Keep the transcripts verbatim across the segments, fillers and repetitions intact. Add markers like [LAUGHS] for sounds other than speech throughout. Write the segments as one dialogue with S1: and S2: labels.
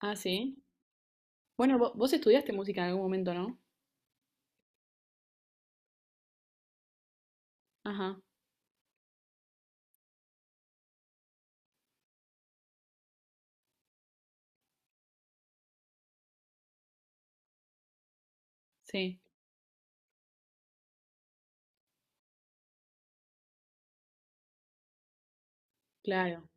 S1: Ah, sí. Bueno, vo- vos, estudiaste música en algún momento, ¿no? Ajá, sí, claro.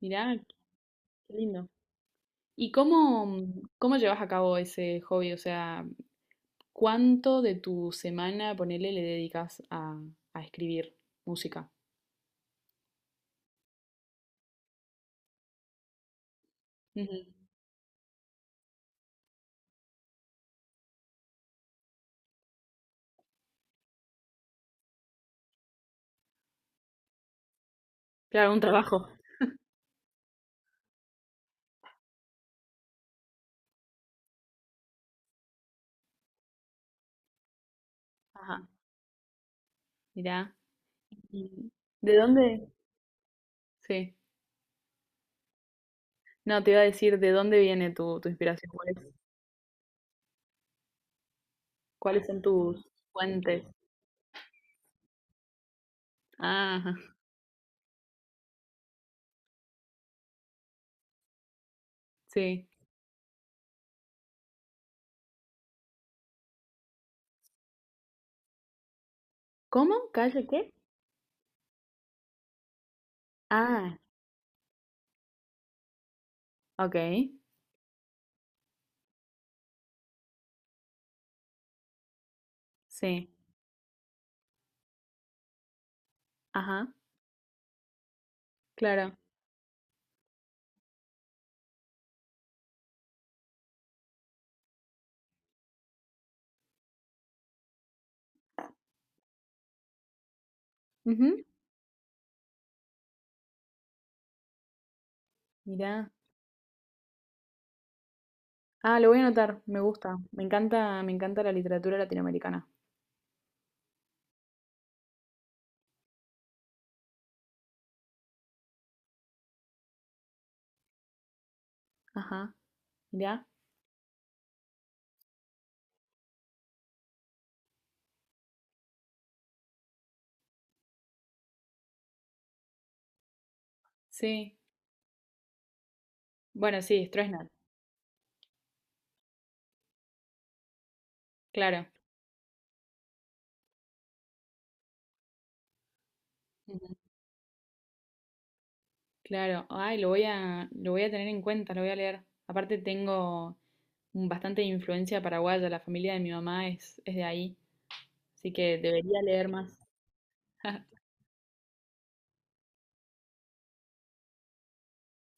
S1: Mirá, qué lindo. ¿Y cómo, cómo llevas a cabo ese hobby? O sea, ¿cuánto de tu semana, ponele, le dedicas a, a escribir música? Ujú. Claro, un trabajo. Ajá, mirá. ¿Y ¿De dónde? Sí. No, te iba a decir, ¿de dónde viene tu, tu inspiración? ¿Cuáles, cuáles son tus fuentes? Ah, sí. ¿Cómo? ¿Calle qué? Ah, ok. Sí, ajá, claro. Ujú. Mirá. Ah, lo voy a anotar, me gusta. Me encanta, me encanta la literatura latinoamericana. Ajá, mirá. Sí. Bueno, sí, Stroessner, claro. Ujú. Claro. Ay, lo voy a, lo voy a tener en cuenta, lo voy a leer. Aparte tengo un- bastante influencia paraguaya, la familia de mi mamá es, es de ahí, así que debería leer más. [LAUGHS]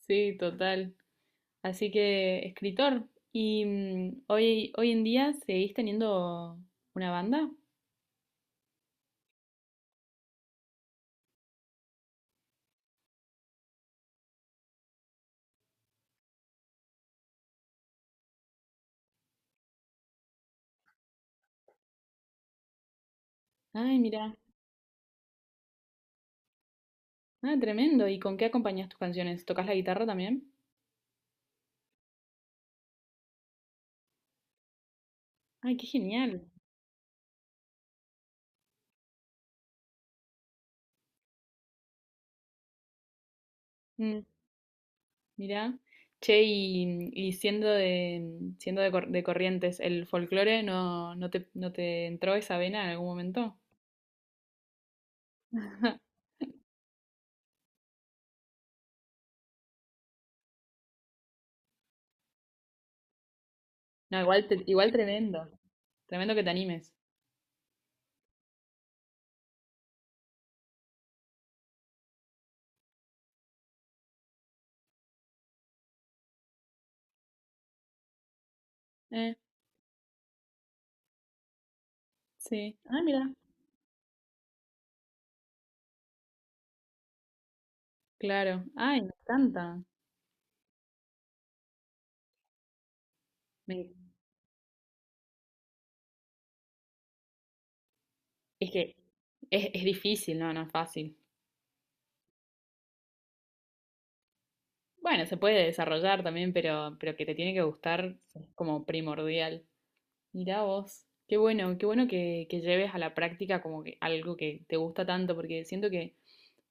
S1: Sí, total. Así que, escritor, ¿y mm, hoy, hoy en día seguís teniendo una banda? Ay, mira. Ah, tremendo. ¿Y con qué acompañas tus canciones? ¿Tocas la guitarra también? Ay, qué genial. Mm, mira. Che, y, y siendo de, siendo de, Cor- de Corrientes, ¿el folclore no, no te, no te entró esa vena en algún momento? [LAUGHS] No, igual, te- igual tremendo. Tremendo que te animes. Eh, sí. Ah, mira. Claro. Ay, me encanta. Me- es que es, es difícil, no, no es fácil. Bueno, se puede desarrollar también, pero, pero que te tiene que gustar es como primordial. Mirá vos, qué bueno, qué bueno que, que lleves a la práctica como que algo que te gusta tanto, porque siento que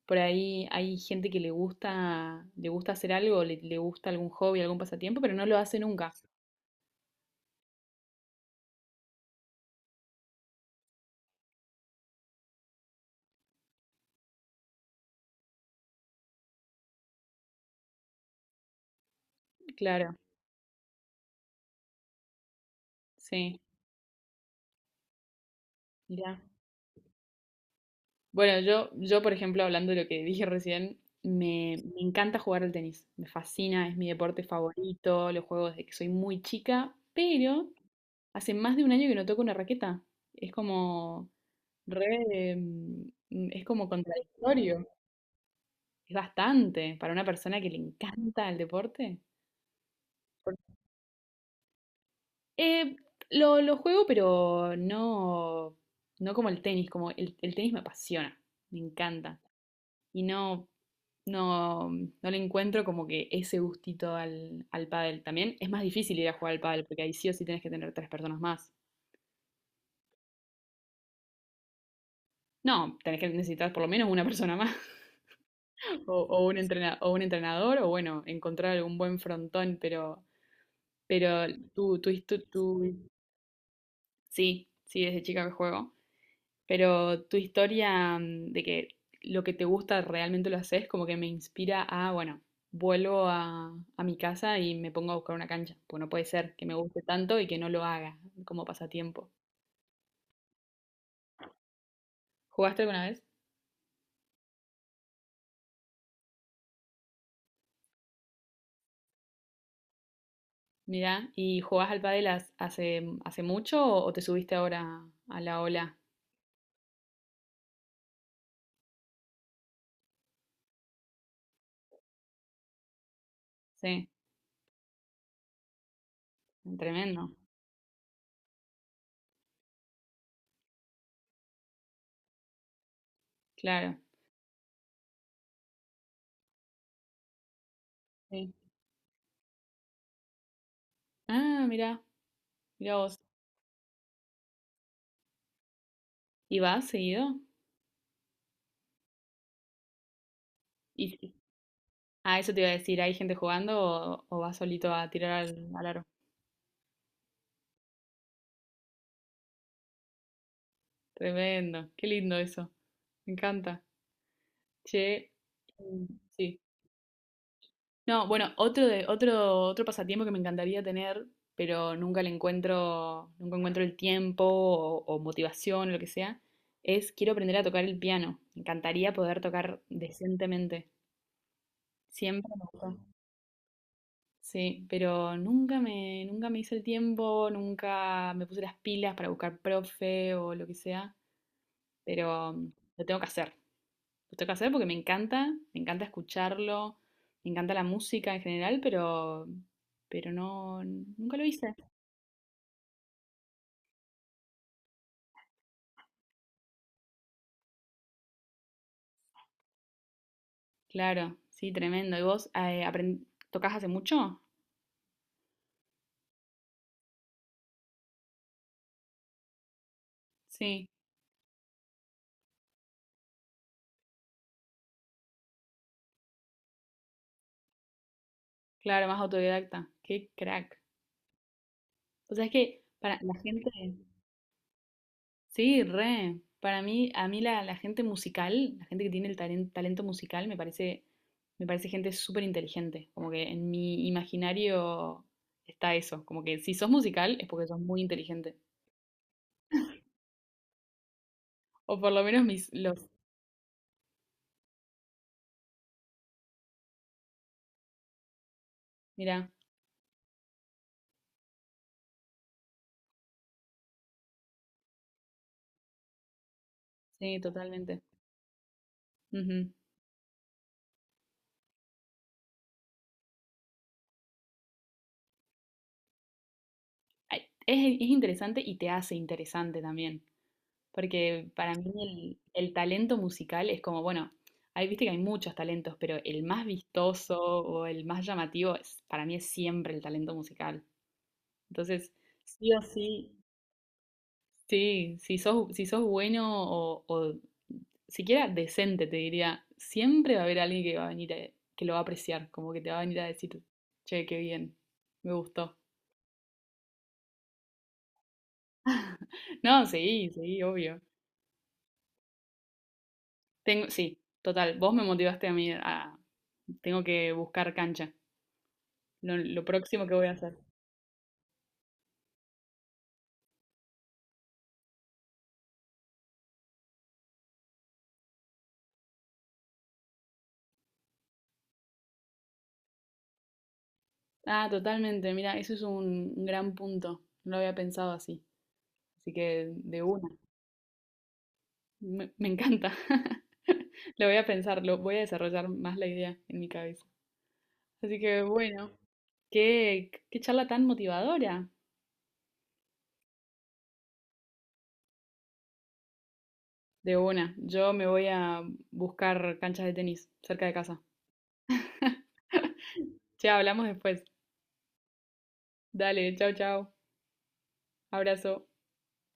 S1: por ahí hay gente que le gusta, le gusta hacer algo, le, le gusta algún hobby, algún pasatiempo, pero no lo hace nunca. Claro, sí, mirá. Bueno, yo, yo por ejemplo, hablando de lo que [LAUGHS] dije recién, me, me encanta jugar al tenis, me fascina, es mi deporte favorito, lo juego desde que soy muy chica, pero hace más de un año que no toco una raqueta. Es como re, mm, es como contradictorio. Es bastante para una persona que le encanta el deporte. Eh, lo, lo juego, pero no, no como el tenis, como el, el tenis me apasiona, me encanta. Y no, no, no le encuentro como que ese gustito al, al pádel. También es más difícil ir a jugar al pádel, porque ahí sí o sí tenés que tener tres personas más. No, tenés que necesitar por lo menos una persona más. [LAUGHS] O, o un entrena- o un entrenador, o bueno, encontrar algún buen frontón, pero, pero tú tú his- tu- sí, sí, desde chica que juego, pero tu historia, mm, de que lo que te gusta realmente lo haces, como que me inspira a, bueno, vuelvo a, a mi casa y me pongo a buscar una cancha, pues no puede ser que me guste tanto y que no lo haga como pasatiempo. ¿Jugaste alguna vez? Mirá, ¿y jugás al pádel has- hace, mm, hace mucho o, o te subiste ahora a la ola? Sí, tremendo, claro. Sí. Ah, mirá, mirá vos. ¿Y vas seguido? Y, y- ah, eso te iba a decir, ¿hay gente jugando o, o vas solito a tirar al, al aro? Tremendo, qué lindo eso, me encanta. Che, mm, sí. No, bueno, otro de, otro, otro pasatiempo que me encantaría tener, pero nunca le encuentro, nunca encuentro el tiempo o, o motivación o lo que sea, es quiero aprender a tocar el piano. Me encantaría poder tocar decentemente. Siempre me gustó. Sí, pero nunca me, nunca me hice el tiempo, nunca me puse las pilas para buscar profe o lo que sea, pero mm, lo tengo que hacer. Lo tengo que hacer porque me encanta, me encanta escucharlo, me encanta la música en general, pero, pero no, nunca lo hice. Claro, sí, tremendo. ¿Y vos eh, apren- tocás hace mucho? Sí, claro, más autodidacta. Qué crack. O sea, es que para la gente, sí, re. Para mí, a mí la, la gente musical, la gente que tiene el talen- talento musical, me parece, me parece gente súper inteligente. Como que en mi imaginario está eso. Como que si sos musical es porque sos muy inteligente. O por lo menos mis, los, mirá, sí, totalmente. Ujú. Ay, Es, es interesante y te hace interesante también, porque para mí el, el talento musical es como, bueno, ahí viste que hay muchos talentos, pero el más vistoso o el más llamativo es, para mí es siempre el talento musical. Entonces, sí o sí, sí, si sos, si sos bueno o, o siquiera decente, te diría, siempre va a haber alguien que va a venir a- que lo va a apreciar, como que te va a venir a decir, che, qué bien, me gustó. No, sí, sí, obvio. Tengo, sí, total, vos me motivaste a mí a, tengo que buscar cancha, lo, lo próximo que voy a hacer. Ah, totalmente, mira, eso es un, un gran punto, no lo había pensado así, así que de una. Me, me encanta. [LAUGHS] Lo voy a pensar, lo voy a desarrollar más la idea en mi cabeza. Así que bueno, qué, qué charla tan motivadora. De una, yo me voy a buscar canchas de tenis cerca de casa. [LAUGHS] Ya hablamos después. Dale, chao, chao. Abrazo.